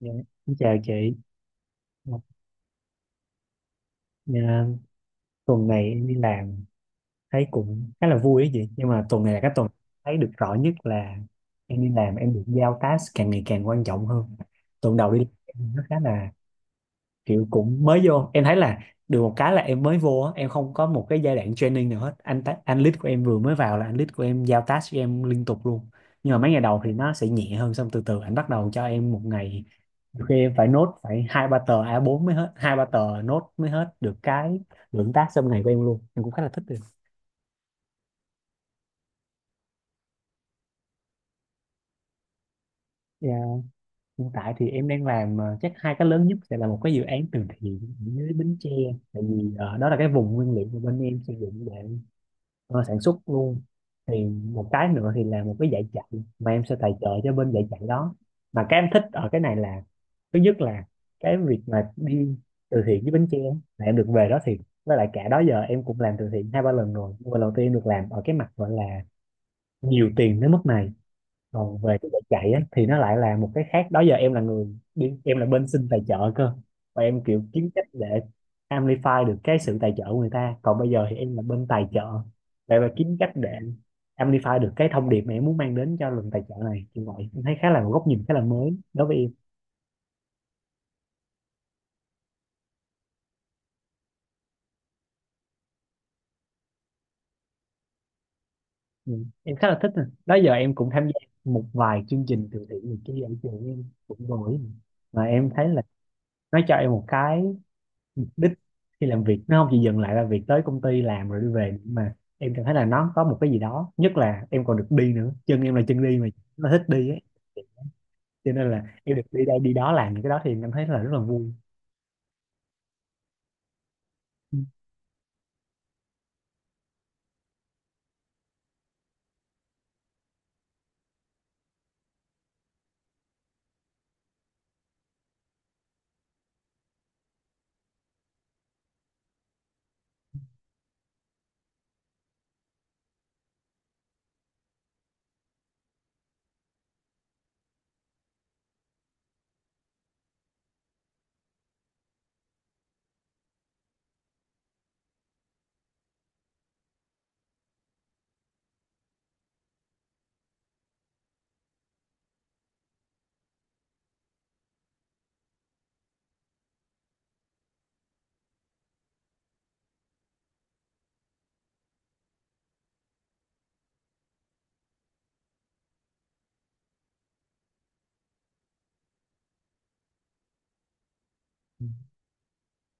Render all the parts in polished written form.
Dạ. Xin chào chị. Dạ, tuần này em đi làm thấy cũng khá là vui ấy chị, nhưng mà tuần này là cái tuần thấy được rõ nhất là em đi làm em được giao task càng ngày càng quan trọng hơn. Tuần đầu đi làm em nó khá là kiểu, cũng mới vô em thấy là được một cái là em mới vô á, em không có một cái giai đoạn training nào hết. Anh lead của em vừa mới vào là anh lead của em giao task cho em liên tục luôn. Nhưng mà mấy ngày đầu thì nó sẽ nhẹ hơn, xong từ từ anh bắt đầu cho em một ngày nhiều khi em phải nốt phải hai ba tờ A4 mới hết, hai ba tờ nốt mới hết được cái lượng tác trong ngày của em luôn. Em cũng khá là thích được. Dạ, hiện tại thì em đang làm chắc hai cái lớn nhất sẽ là một cái dự án từ thiện với Bến Tre, tại vì đó là cái vùng nguyên liệu mà bên em sử dụng để sản xuất luôn. Thì một cái nữa thì là một cái dạy chạy mà em sẽ tài trợ cho bên dạy chạy đó. Mà cái em thích ở cái này là, thứ nhất là cái việc mà đi từ thiện với Bến Tre là em được về đó thì, với lại cả đó giờ em cũng làm từ thiện hai ba lần rồi nhưng mà lần đầu tiên em được làm ở cái mặt gọi là nhiều tiền đến mức này. Còn về cái giải chạy á, thì nó lại là một cái khác. Đó giờ em là người đi, em là bên xin tài trợ cơ, và em kiểu kiếm cách để amplify được cái sự tài trợ của người ta, còn bây giờ thì em là bên tài trợ để mà kiếm cách để amplify được cái thông điệp mà em muốn mang đến cho lần tài trợ này kiểu vậy. Em thấy khá là một góc nhìn khá là mới đối với em. Ừ, em khá là thích nè. Đó giờ em cũng tham gia một vài chương trình từ thiện này kia ở trường em cũng rồi, mà em thấy là nó cho em một cái đích khi làm việc, nó không chỉ dừng lại là việc tới công ty làm rồi đi về, mà em cảm thấy là nó có một cái gì đó. Nhất là em còn được đi nữa, chân em là chân đi mà, nó thích đi ấy. Cho nên là em được đi đây đi đó làm những cái đó thì em cảm thấy là rất là vui. Ừ.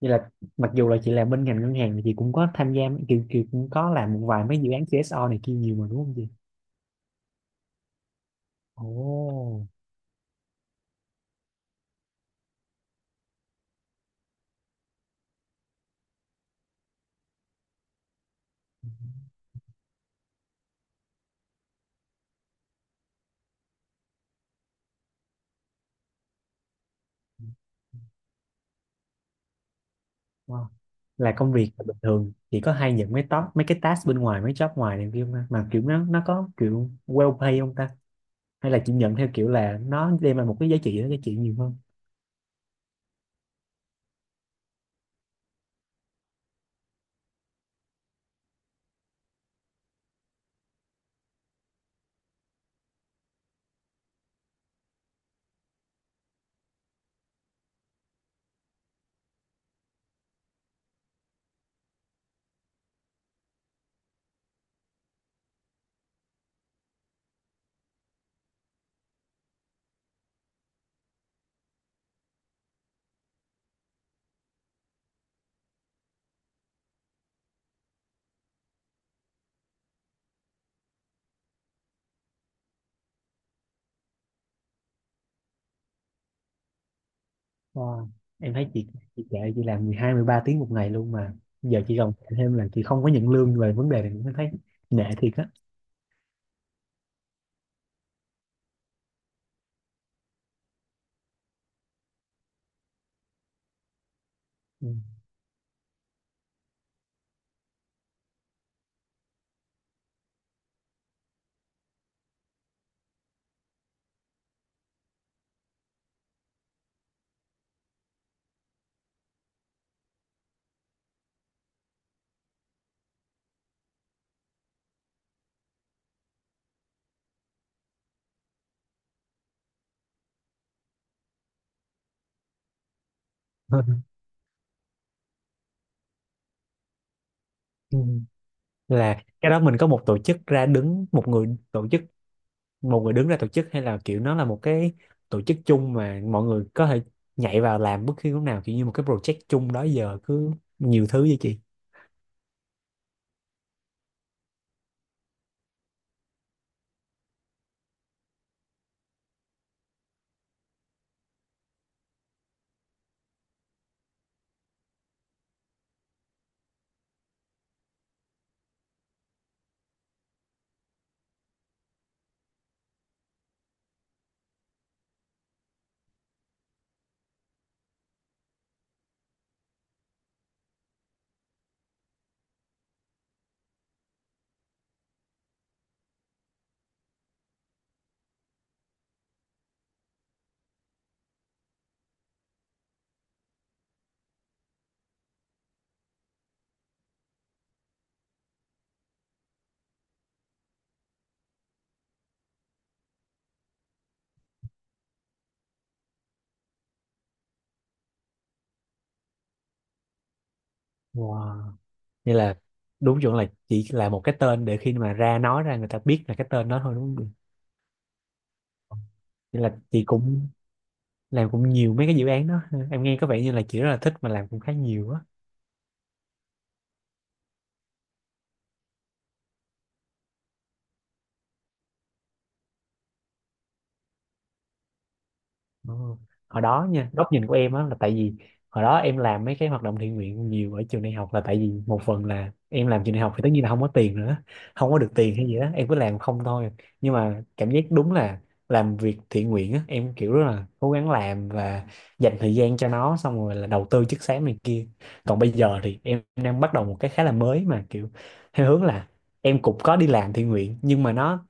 Vậy là mặc dù là chị làm bên ngành ngân hàng thì chị cũng có tham gia kiểu kiểu cũng có làm một vài mấy dự án CSO này kia nhiều mà đúng không chị? Ồ. Wow. Là công việc là bình thường chị có hay nhận mấy top mấy cái task bên ngoài mấy job ngoài này kia không ta? Mà kiểu nó có kiểu well pay không ta? Hay là chị nhận theo kiểu là nó đem lại một cái giá trị nó giá trị nhiều hơn? Wow. Em thấy chị kệ chị làm 12 13 tiếng một ngày luôn mà giờ chị gồng thêm là chị không có nhận lương. Về vấn đề này em thấy nể thiệt á. Ừ. Ừ. Là cái đó mình có một tổ chức ra đứng, một người tổ chức, một người đứng ra tổ chức, hay là kiểu nó là một cái tổ chức chung mà mọi người có thể nhảy vào làm bất cứ lúc nào, kiểu như một cái project chung đó giờ cứ nhiều thứ vậy chị? Wow. Như là đúng chuẩn là chỉ là một cái tên để khi mà ra nói ra người ta biết là cái tên đó thôi, đúng không? Nên là chị cũng làm cũng nhiều mấy cái dự án đó. Em nghe có vẻ như là chị rất là thích mà làm cũng khá nhiều á. Ờ, hồi đó nha, góc nhìn của em á là tại vì hồi đó em làm mấy cái hoạt động thiện nguyện nhiều ở trường đại học là tại vì một phần là em làm trường đại học thì tất nhiên là không có tiền nữa, không có được tiền hay gì đó, em cứ làm không thôi. Nhưng mà cảm giác đúng là làm việc thiện nguyện á, em kiểu rất là cố gắng làm và dành thời gian cho nó, xong rồi là đầu tư chất xám này kia. Còn bây giờ thì em đang bắt đầu một cái khá là mới mà kiểu theo hướng là em cũng có đi làm thiện nguyện nhưng mà nó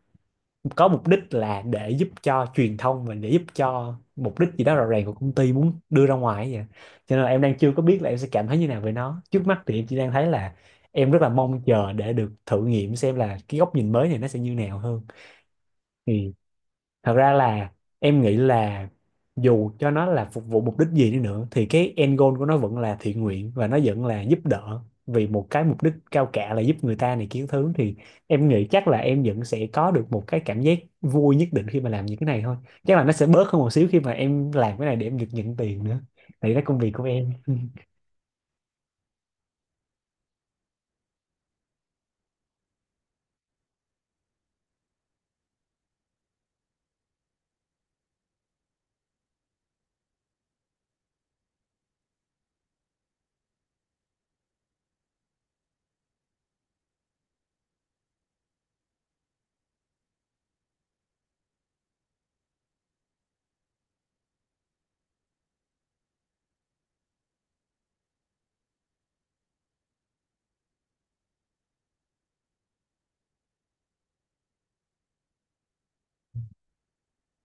có mục đích là để giúp cho truyền thông và để giúp cho mục đích gì đó rõ ràng của công ty muốn đưa ra ngoài vậy. Cho nên là em đang chưa có biết là em sẽ cảm thấy như nào về nó. Trước mắt thì em chỉ đang thấy là em rất là mong chờ để được thử nghiệm xem là cái góc nhìn mới này nó sẽ như nào hơn. Thì thật ra là em nghĩ là dù cho nó là phục vụ mục đích gì đi nữa thì cái end goal của nó vẫn là thiện nguyện và nó vẫn là giúp đỡ vì một cái mục đích cao cả là giúp người ta này kiến thứ. Thì em nghĩ chắc là em vẫn sẽ có được một cái cảm giác vui nhất định khi mà làm những cái này thôi. Chắc là nó sẽ bớt hơn một xíu khi mà em làm cái này để em được nhận tiền nữa, tại vì đó công việc của em.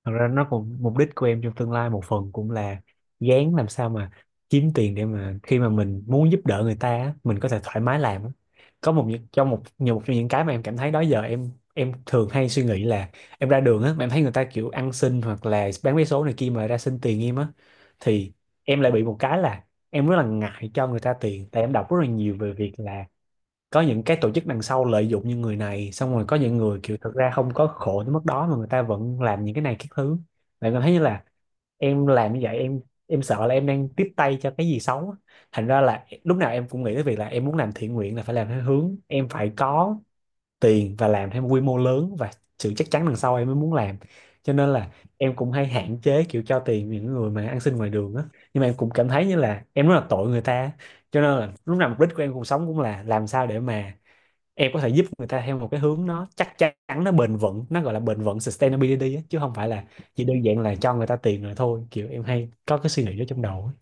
Thật ra nó cũng mục đích của em trong tương lai một phần cũng là gán làm sao mà kiếm tiền để mà khi mà mình muốn giúp đỡ người ta á, mình có thể thoải mái làm á. Có một những- trong một nhiều một trong những cái mà em cảm thấy đó giờ em thường hay suy nghĩ là em ra đường á mà em thấy người ta kiểu ăn xin hoặc là bán vé số này kia mà ra xin tiền em á, thì em lại bị một cái là em rất là ngại cho người ta tiền, tại em đọc rất là nhiều về việc là có những cái tổ chức đằng sau lợi dụng như người này, xong rồi có những người kiểu thật ra không có khổ tới mức đó mà người ta vẫn làm những cái này cái thứ. Bạn cảm thấy như là em làm như vậy em sợ là em đang tiếp tay cho cái gì xấu á. Thành ra là lúc nào em cũng nghĩ tới việc là em muốn làm thiện nguyện là phải làm theo hướng em phải có tiền và làm theo quy mô lớn và sự chắc chắn đằng sau em mới muốn làm. Cho nên là em cũng hay hạn chế kiểu cho tiền những người mà ăn xin ngoài đường á, nhưng mà em cũng cảm thấy như là em rất là tội người ta. Cho nên là lúc nào mục đích của em cuộc sống cũng là làm sao để mà em có thể giúp người ta theo một cái hướng nó chắc chắn, nó bền vững, nó gọi là bền vững sustainability á, chứ không phải là chỉ đơn giản là cho người ta tiền rồi thôi. Kiểu em hay có cái suy nghĩ đó trong đầu á.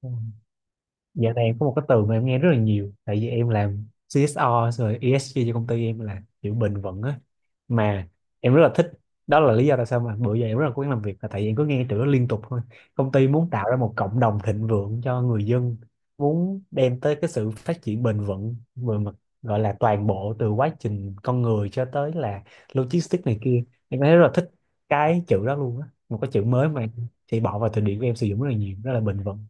Ừ. Dạo này có một cái từ mà em nghe rất là nhiều tại vì em làm CSR rồi ESG cho công ty em, là kiểu bền vững á, mà em rất là thích. Đó là lý do tại sao mà bữa giờ em rất là cố gắng làm việc là tại vì em cứ nghe từ đó liên tục thôi. Công ty muốn tạo ra một cộng đồng thịnh vượng cho người dân, muốn đem tới cái sự phát triển bền vững về mặt gọi là toàn bộ từ quá trình con người cho tới là logistics này kia. Em thấy rất là thích cái chữ đó luôn á, một cái chữ mới mà chị bỏ vào từ điển của em sử dụng rất là nhiều, rất là bền vững.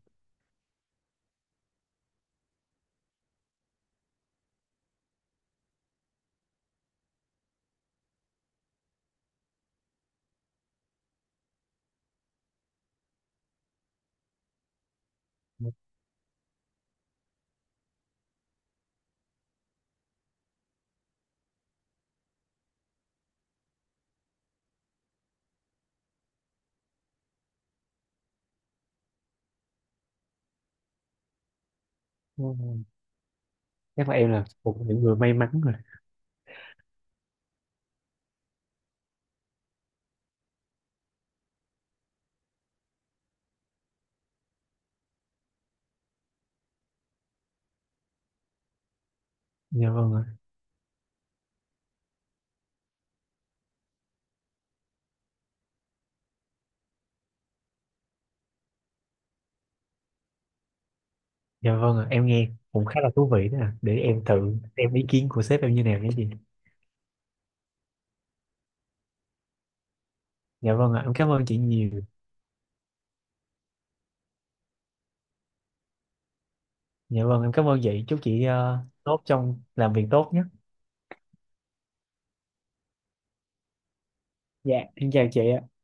Ừ. Chắc là em là một trong những người may mắn rồi. Dạ vâng ạ. Dạ vâng ạ, em nghe cũng khá là thú vị đó ạ. Để em thử xem ý kiến của sếp em như nào nhé chị. Dạ vâng ạ, em cảm ơn chị nhiều. Dạ vâng, em cảm ơn chị, chúc chị tốt trong làm việc tốt nhé. Dạ em chào chị ạ.